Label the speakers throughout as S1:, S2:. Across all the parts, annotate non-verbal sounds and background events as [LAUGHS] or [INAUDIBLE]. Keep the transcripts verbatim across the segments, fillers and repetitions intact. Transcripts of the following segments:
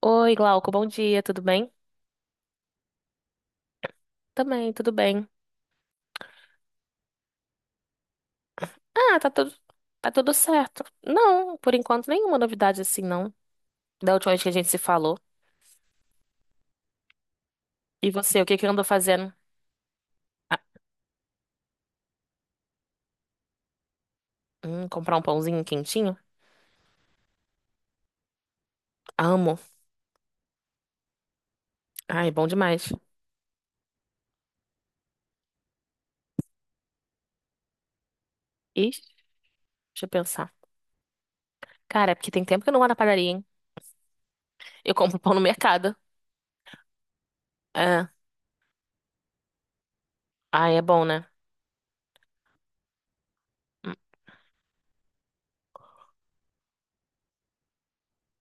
S1: Oi, Glauco, bom dia, tudo bem? Também, tudo bem. Ah, tá tudo, tá tudo certo. Não, por enquanto, nenhuma novidade assim, não. Da última vez que a gente se falou. E você, o que que andou fazendo? Ah, hum, comprar um pãozinho quentinho? Amo. Ai, bom demais. Ixi, deixa eu pensar. Cara, é porque tem tempo que eu não vou na padaria, hein? Eu compro pão no mercado. É. Ai, é bom, né? Hum,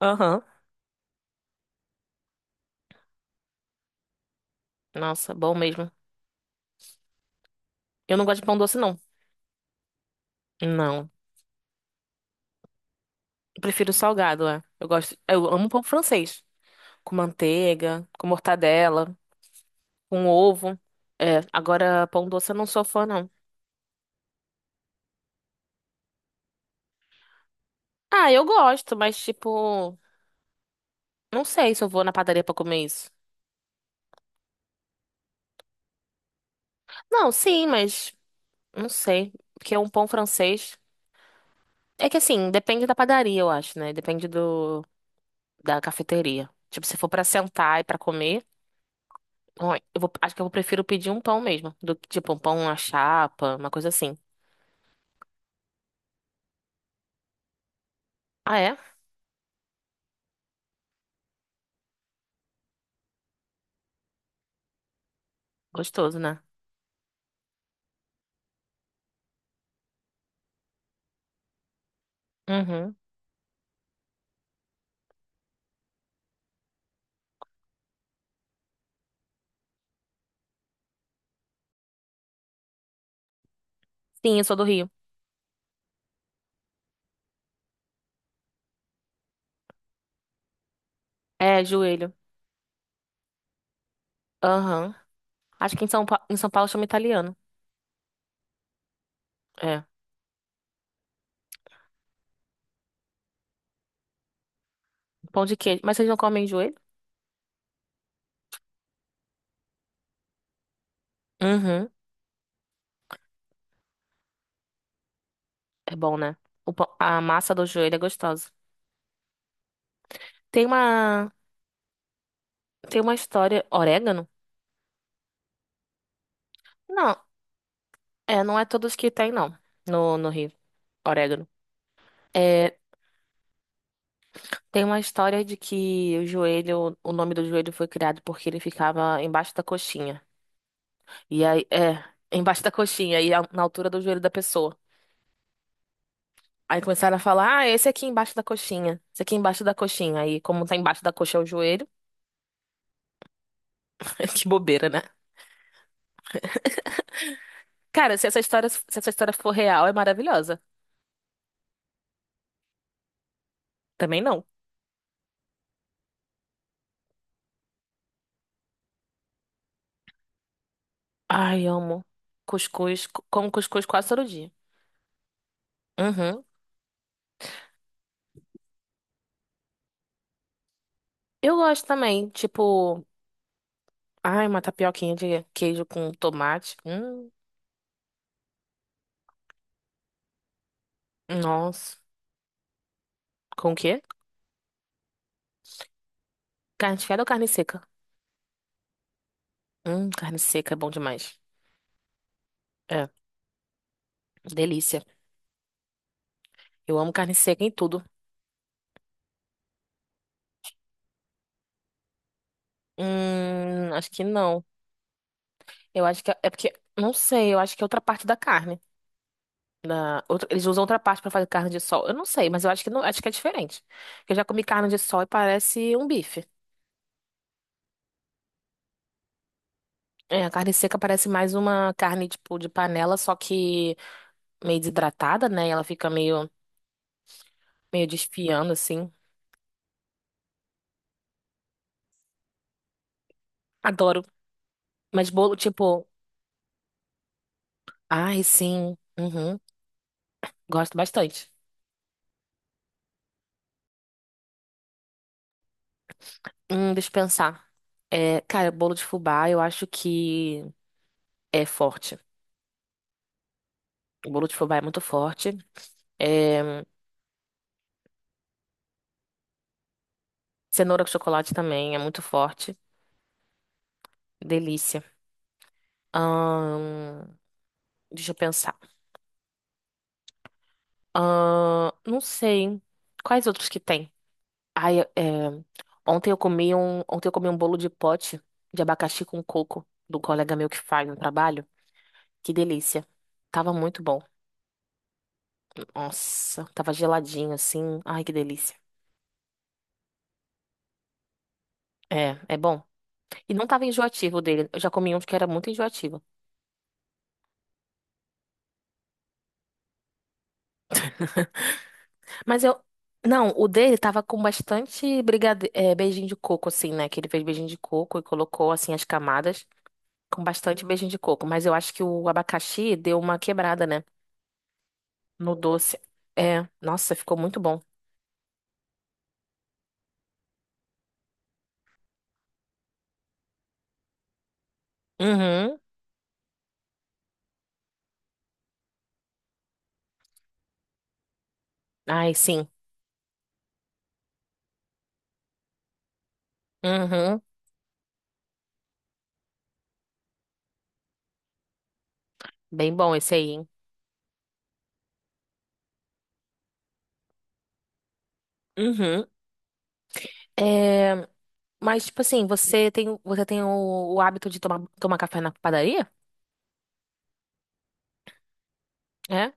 S1: Aham. Nossa, bom mesmo. Eu não gosto de pão doce, não. Não. Eu prefiro salgado, é. Eu gosto. Eu amo pão francês com manteiga, com mortadela, com ovo. É, agora pão doce eu não sou fã, não. Ah, eu gosto, mas tipo, não sei se eu vou na padaria pra comer isso. Não, sim, mas não sei, porque é um pão francês. É que assim, depende da padaria, eu acho, né? Depende do da cafeteria. Tipo, se for pra sentar e pra comer, ó, eu vou- acho que eu prefiro pedir um pão mesmo, do que tipo um pão à chapa, uma coisa assim. Ah, é? Gostoso, né? Uhum. Sim, eu sou do Rio. É, joelho. Aham. Acho que em São, Pa- em São Paulo chama italiano. É. Pão de queijo. Mas vocês não comem joelho? Uhum. É bom, né? O pão- A massa do joelho é gostosa. Tem uma... Tem uma história... Orégano? Não. É, não é todos que tem, não. No, no Rio. Orégano. É, tem uma história de que o joelho... O nome do joelho foi criado porque ele ficava embaixo da coxinha. E aí... É. [LAUGHS] Embaixo da coxinha. E a- na altura do joelho da pessoa. Aí começaram a falar, ah, esse aqui embaixo da coxinha, esse aqui embaixo da coxinha. Aí, como tá embaixo da coxa é o joelho, [LAUGHS] que bobeira, né? Cara, se essa história, se essa história for real, é maravilhosa. Também não. Ai, amo. Cuscuz, co- como cuscuz quase todo dia. Uhum. Eu gosto também, tipo, ai, uma tapioquinha de queijo com tomate. Hum, nossa. Com o quê? Carne desfiada ou carne seca? Hum, carne seca é bom demais. É, delícia. Eu amo carne seca em tudo. Hum, acho que não. Eu acho que é é porque, não sei, eu acho que é outra parte da carne. Na, outra- eles usam outra parte pra fazer carne de sol. Eu não sei, mas eu acho que não, acho que é diferente. Eu já comi carne de sol e parece um bife. É, a carne seca parece mais uma carne tipo de panela, só que meio desidratada, né? E ela fica meio meio desfiando assim. Adoro. Mas bolo tipo, ai, sim. Uhum, gosto bastante. Hum, deixa eu pensar. É, cara, bolo de fubá, eu acho que é forte. O bolo de fubá é muito forte. É, cenoura com chocolate também é muito forte. Delícia. Ahn, deixa eu pensar. Ahn, não sei. Quais outros que tem? Ai, é, ontem eu comi um, ontem eu comi um bolo de pote de abacaxi com coco do colega meu que faz no trabalho. Que delícia. Tava muito bom. Nossa, tava geladinho assim. Ai, que delícia. É, é bom. E não tava enjoativo o dele. Eu já comi um que era muito enjoativo. Mas eu. Não, o dele tava com bastante brigade... é, beijinho de coco, assim, né? Que ele fez beijinho de coco e colocou, assim, as camadas com bastante beijinho de coco, mas eu acho que o abacaxi deu uma quebrada, né? No doce. É, nossa, ficou muito bom. Uhum. Ai, sim. Uhum. Bem bom esse aí, hein? Uhum. É, mas, tipo assim, você tem, você tem o, o hábito de tomar, tomar café na padaria? É?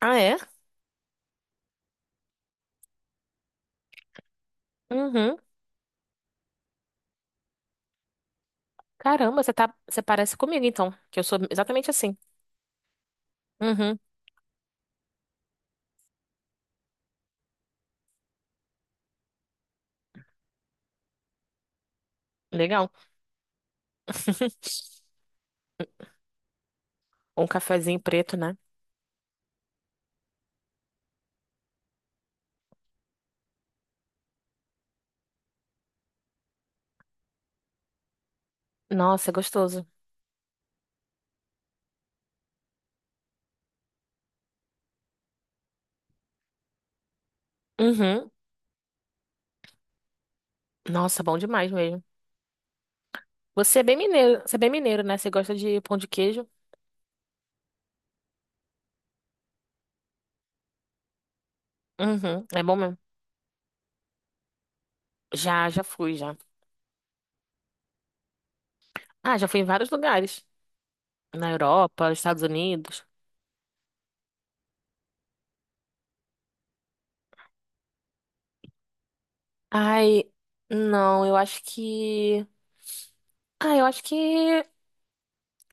S1: Ah, é? Uhum. Caramba, você tá, você parece comigo, então, que eu sou exatamente assim. Uhum. Legal. [LAUGHS] Um cafezinho preto, né? Nossa, é gostoso. Uhum. Nossa, bom demais mesmo. Você é bem mineiro, você é bem mineiro, né? Você gosta de pão de queijo? Uhum, é bom mesmo. Já, já fui, já. Ah, já fui em vários lugares. Na Europa, nos Estados Unidos. Ai, não, eu acho que. Ah, eu acho que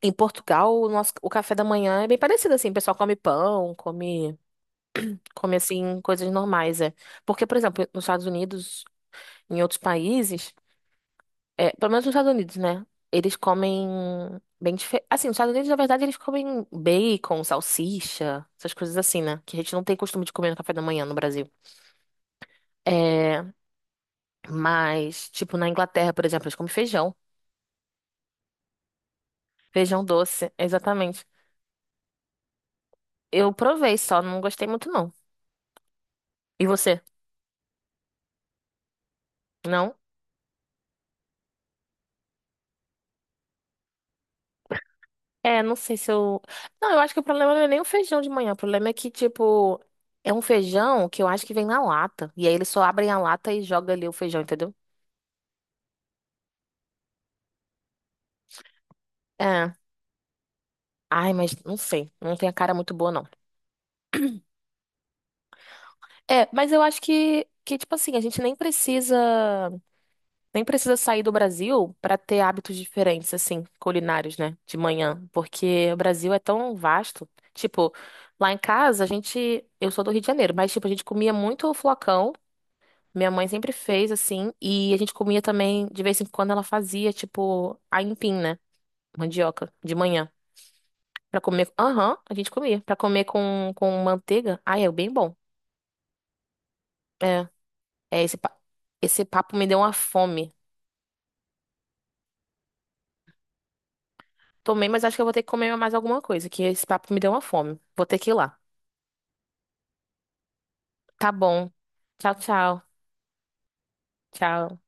S1: em Portugal o nosso o café da manhã é bem parecido assim. O pessoal come pão, come, come assim coisas normais, é. Porque, por exemplo, nos Estados Unidos, em outros países, é, pelo menos nos Estados Unidos, né? Eles comem bem diferente. Assim, nos Estados Unidos, na verdade, eles comem bacon, salsicha, essas coisas assim, né? Que a gente não tem costume de comer no café da manhã no Brasil. É, mas, tipo, na Inglaterra, por exemplo, eles comem feijão. Feijão doce, exatamente. Eu provei só, não gostei muito, não. E você? Não? É, não sei se eu. Não, eu acho que o problema não é nem o feijão de manhã. O problema é que, tipo, é um feijão que eu acho que vem na lata. E aí eles só abrem a lata e jogam ali o feijão, entendeu? É. Ai, mas não sei. Não tem a cara muito boa, não. É, mas eu acho que, que tipo assim, a gente nem precisa, nem precisa sair do Brasil pra ter hábitos diferentes, assim, culinários, né? De manhã. Porque o Brasil é tão vasto. Tipo, lá em casa, a gente. Eu sou do Rio de Janeiro, mas, tipo, a gente comia muito flocão. Minha mãe sempre fez, assim. E a gente comia também, de vez em quando, ela fazia, tipo, aipim, né? Mandioca, de manhã. Pra comer. Aham, a gente comia. Pra comer com, com manteiga. Ai, é bem bom. É. É, esse, pa- esse papo me deu uma fome. Tomei, mas acho que eu vou ter que comer mais alguma coisa, que esse papo me deu uma fome. Vou ter que ir lá. Tá bom. Tchau, tchau. Tchau.